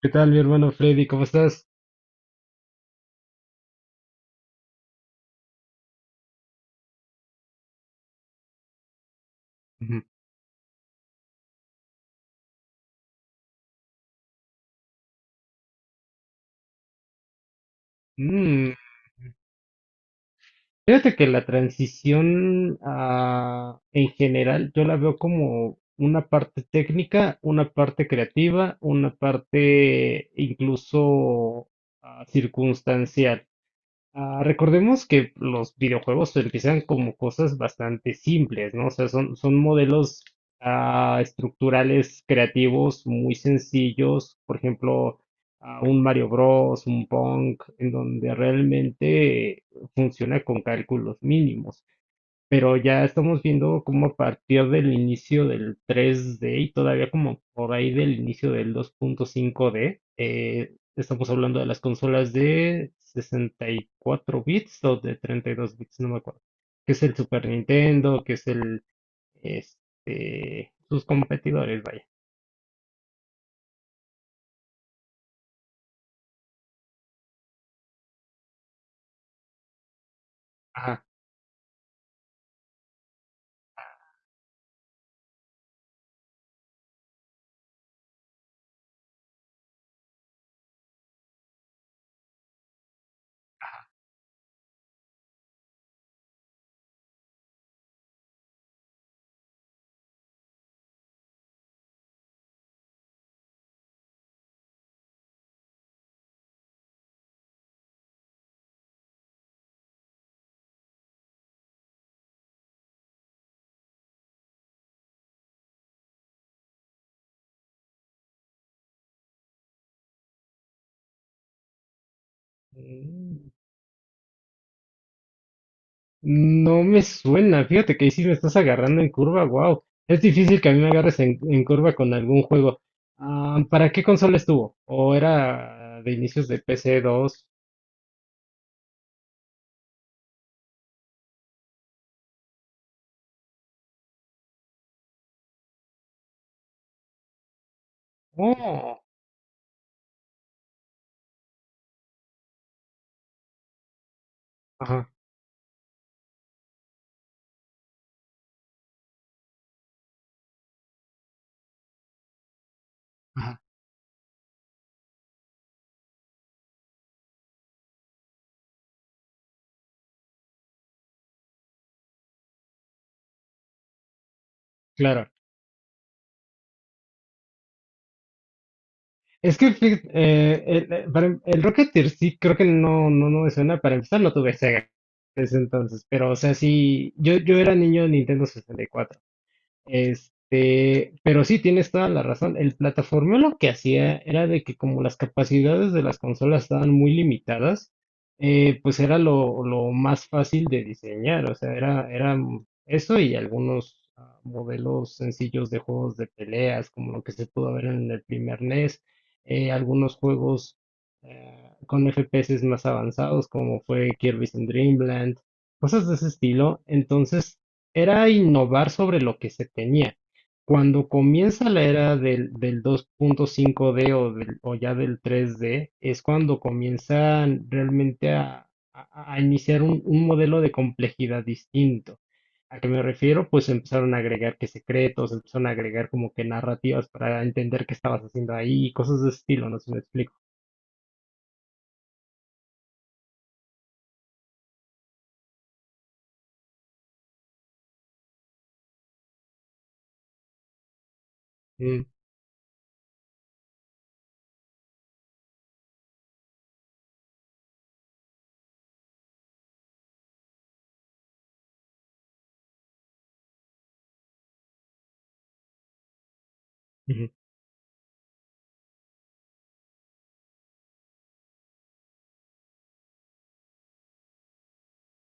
¿Qué tal, mi hermano Freddy? ¿Cómo estás? Ujú. Mm, fíjate que la transición, en general, yo la veo como una parte técnica, una parte creativa, una parte incluso, circunstancial. Recordemos que los videojuegos empiezan como cosas bastante simples, ¿no? O sea, son modelos estructurales creativos muy sencillos, por ejemplo, un Mario Bros, un Pong, en donde realmente funciona con cálculos mínimos, pero ya estamos viendo como a partir del inicio del 3D y todavía como por ahí del inicio del 2.5D. Estamos hablando de las consolas de 64 bits o de 32 bits, no me acuerdo, que es el Super Nintendo, que es el, sus competidores, vaya. Ajá. Mm, no me suena, fíjate que ahí sí me estás agarrando en curva, wow. Es difícil que a mí me agarres en curva con algún juego. Ah, ¿para qué consola estuvo? ¿O era de inicios de PC 2? Oh, ajá, ajá, claro. Es que el Rocketeer sí creo que no me suena. Para empezar no tuve Sega en ese entonces, pero o sea, sí, yo era niño de Nintendo 64. Pero sí, tienes toda la razón. El plataformeo lo que hacía era de que como las capacidades de las consolas estaban muy limitadas, pues era lo más fácil de diseñar. O sea, era eso y algunos modelos sencillos de juegos de peleas, como lo que se pudo ver en el primer NES, algunos juegos con FPS más avanzados, como fue Kirby's in Dreamland, cosas de ese estilo. Entonces, era innovar sobre lo que se tenía. Cuando comienza la era del 2.5D o ya del 3D, es cuando comienzan realmente a iniciar un modelo de complejidad distinto. ¿A qué me refiero? Pues empezaron a agregar que secretos, empezaron a agregar como que narrativas para entender qué estabas haciendo ahí, cosas de ese estilo, no sé si me explico. Mm, ujú.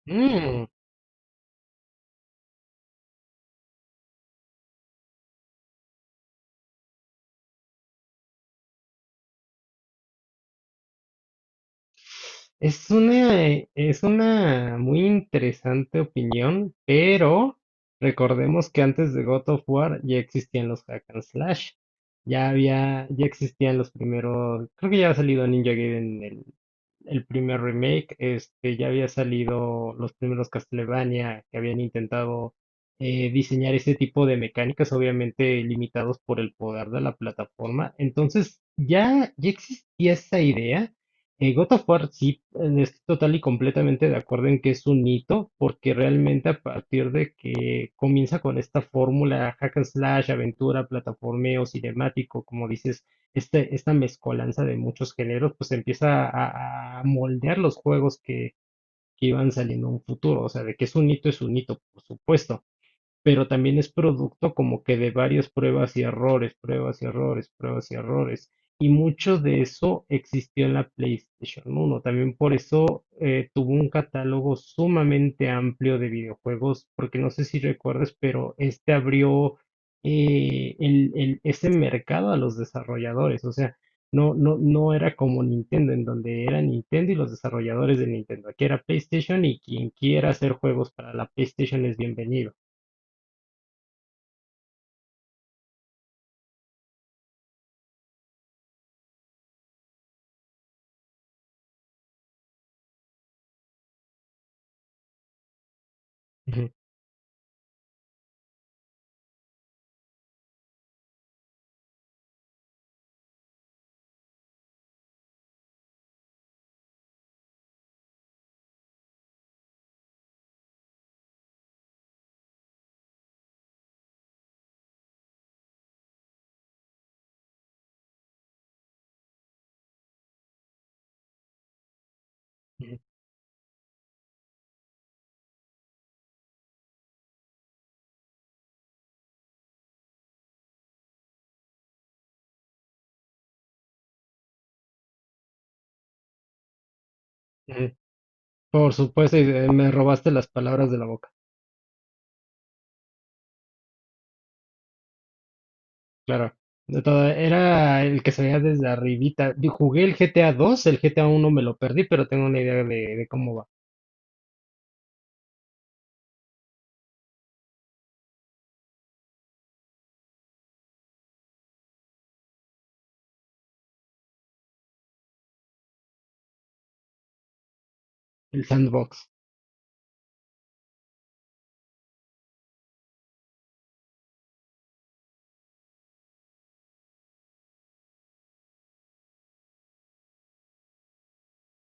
Mm. Es una muy interesante opinión, pero recordemos que antes de God of War ya existían los hack and slash. Ya había, ya existían los primeros, creo que ya había salido Ninja Gaiden el primer remake, ya había salido los primeros Castlevania que habían intentado diseñar ese tipo de mecánicas, obviamente limitados por el poder de la plataforma. Entonces, ya existía esa idea. God of War sí, estoy total y completamente de acuerdo en que es un hito, porque realmente a partir de que comienza con esta fórmula hack and slash, aventura, plataformeo, cinemático, como dices, esta mezcolanza de muchos géneros, pues empieza a moldear los juegos que iban saliendo en un futuro. O sea, de que es un hito, por supuesto, pero también es producto como que de varias pruebas y errores, pruebas y errores, pruebas y errores. Y mucho de eso existió en la PlayStation uno. También por eso tuvo un catálogo sumamente amplio de videojuegos, porque no sé si recuerdas, pero este abrió ese mercado a los desarrolladores. O sea, no era como Nintendo, en donde era Nintendo y los desarrolladores de Nintendo. Aquí era PlayStation y quien quiera hacer juegos para la PlayStation es bienvenido. Ujú, ujú. Por supuesto, y me robaste las palabras de la boca. Claro. De todo, era el que se veía desde arribita. Yo jugué el GTA 2, el GTA 1 me lo perdí, pero tengo una idea de cómo va. El sandbox,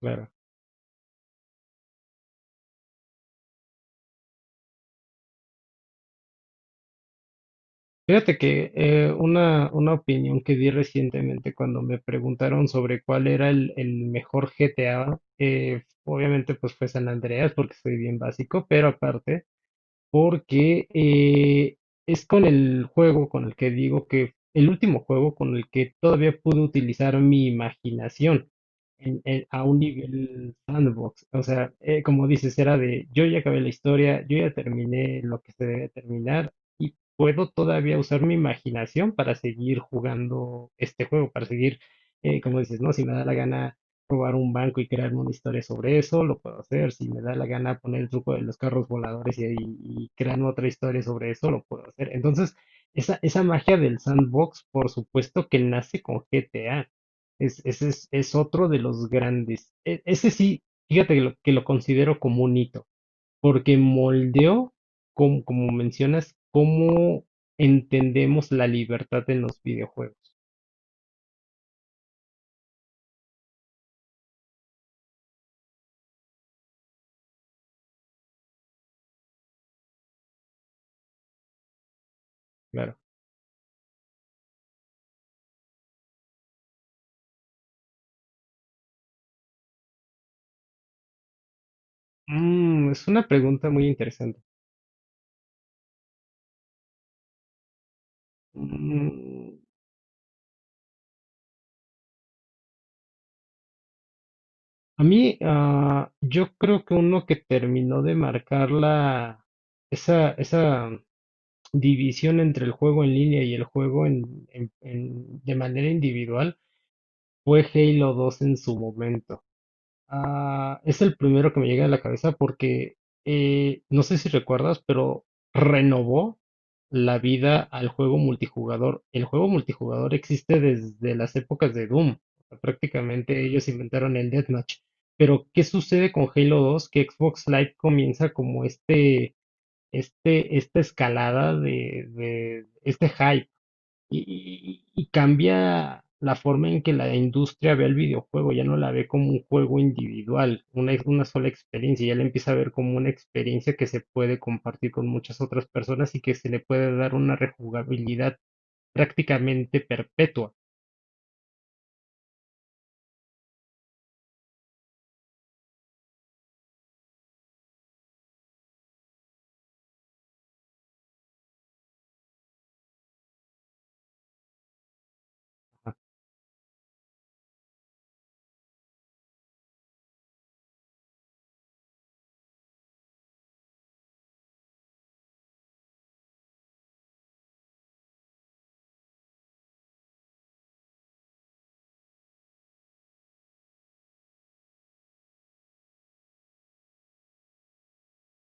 claro. Fíjate que una opinión que di recientemente cuando me preguntaron sobre cuál era el mejor GTA, obviamente pues fue San Andreas porque soy bien básico, pero aparte porque es con el juego con el que digo que el último juego con el que todavía pude utilizar mi imaginación a un nivel sandbox. O sea, como dices, era de yo ya acabé la historia, yo ya terminé lo que se debe terminar y puedo todavía usar mi imaginación para seguir jugando este juego, para seguir, como dices, ¿no? Si me da la gana robar un banco y crearme una historia sobre eso, lo puedo hacer. Si me da la gana poner el truco de los carros voladores y, crearme otra historia sobre eso, lo puedo hacer. Entonces, esa magia del sandbox, por supuesto que nace con GTA. Es, ese es otro de los grandes. Ese sí, fíjate que que lo considero como un hito, porque moldeó, como, como mencionas, cómo entendemos la libertad en los videojuegos. Claro. Mm, es una pregunta muy interesante. Mm, A mí, yo creo que uno que terminó de marcar esa división entre el juego en línea y el juego de manera individual fue Halo 2 en su momento. Ah, es el primero que me llega a la cabeza porque no sé si recuerdas, pero renovó la vida al juego multijugador. El juego multijugador existe desde las épocas de Doom. O sea, prácticamente ellos inventaron el Deathmatch. Pero, ¿qué sucede con Halo 2? Que Xbox Live comienza como esta escalada de este hype y cambia la forma en que la industria ve el videojuego, ya no la ve como un juego individual, una sola experiencia, ya la empieza a ver como una experiencia que se puede compartir con muchas otras personas y que se le puede dar una rejugabilidad prácticamente perpetua.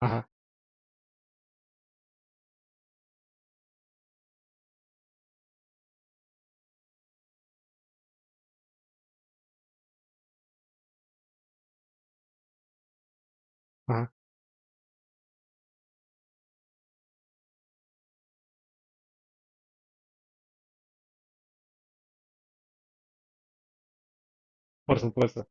Ajá, ajá, por supuesto.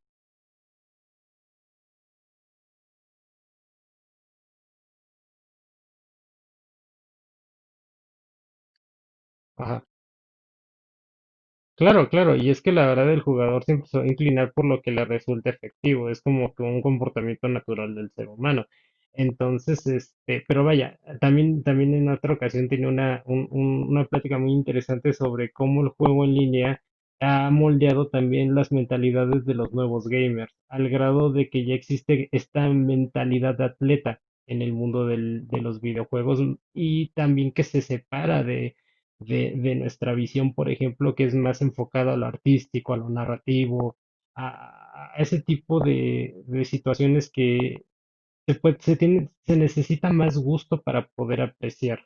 Ajá. Claro, claro, y es que la verdad el jugador siempre se va a inclinar por lo que le resulta efectivo, es como que un comportamiento natural del ser humano. Entonces, pero vaya, también, también en otra ocasión tiene una plática muy interesante sobre cómo el juego en línea ha moldeado también las mentalidades de los nuevos gamers, al grado de que ya existe esta mentalidad de atleta en el mundo de los videojuegos y también que se separa de nuestra visión, por ejemplo, que es más enfocada a lo artístico, a lo narrativo, a ese tipo de situaciones que se, puede- se, tiene, se necesita más gusto para poder apreciar.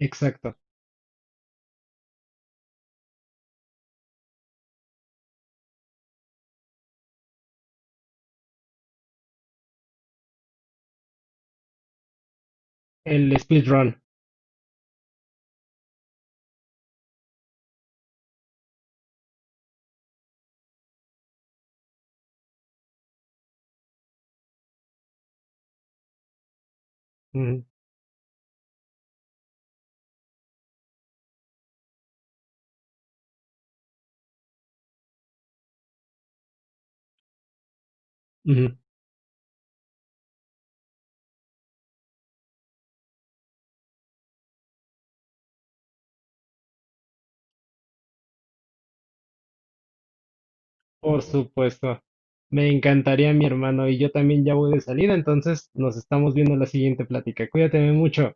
Exacto. El speedrun. Ujú, ujú. Por supuesto. Me encantaría, mi hermano, y yo también ya voy de salida, entonces nos estamos viendo en la siguiente plática. Cuídate mucho.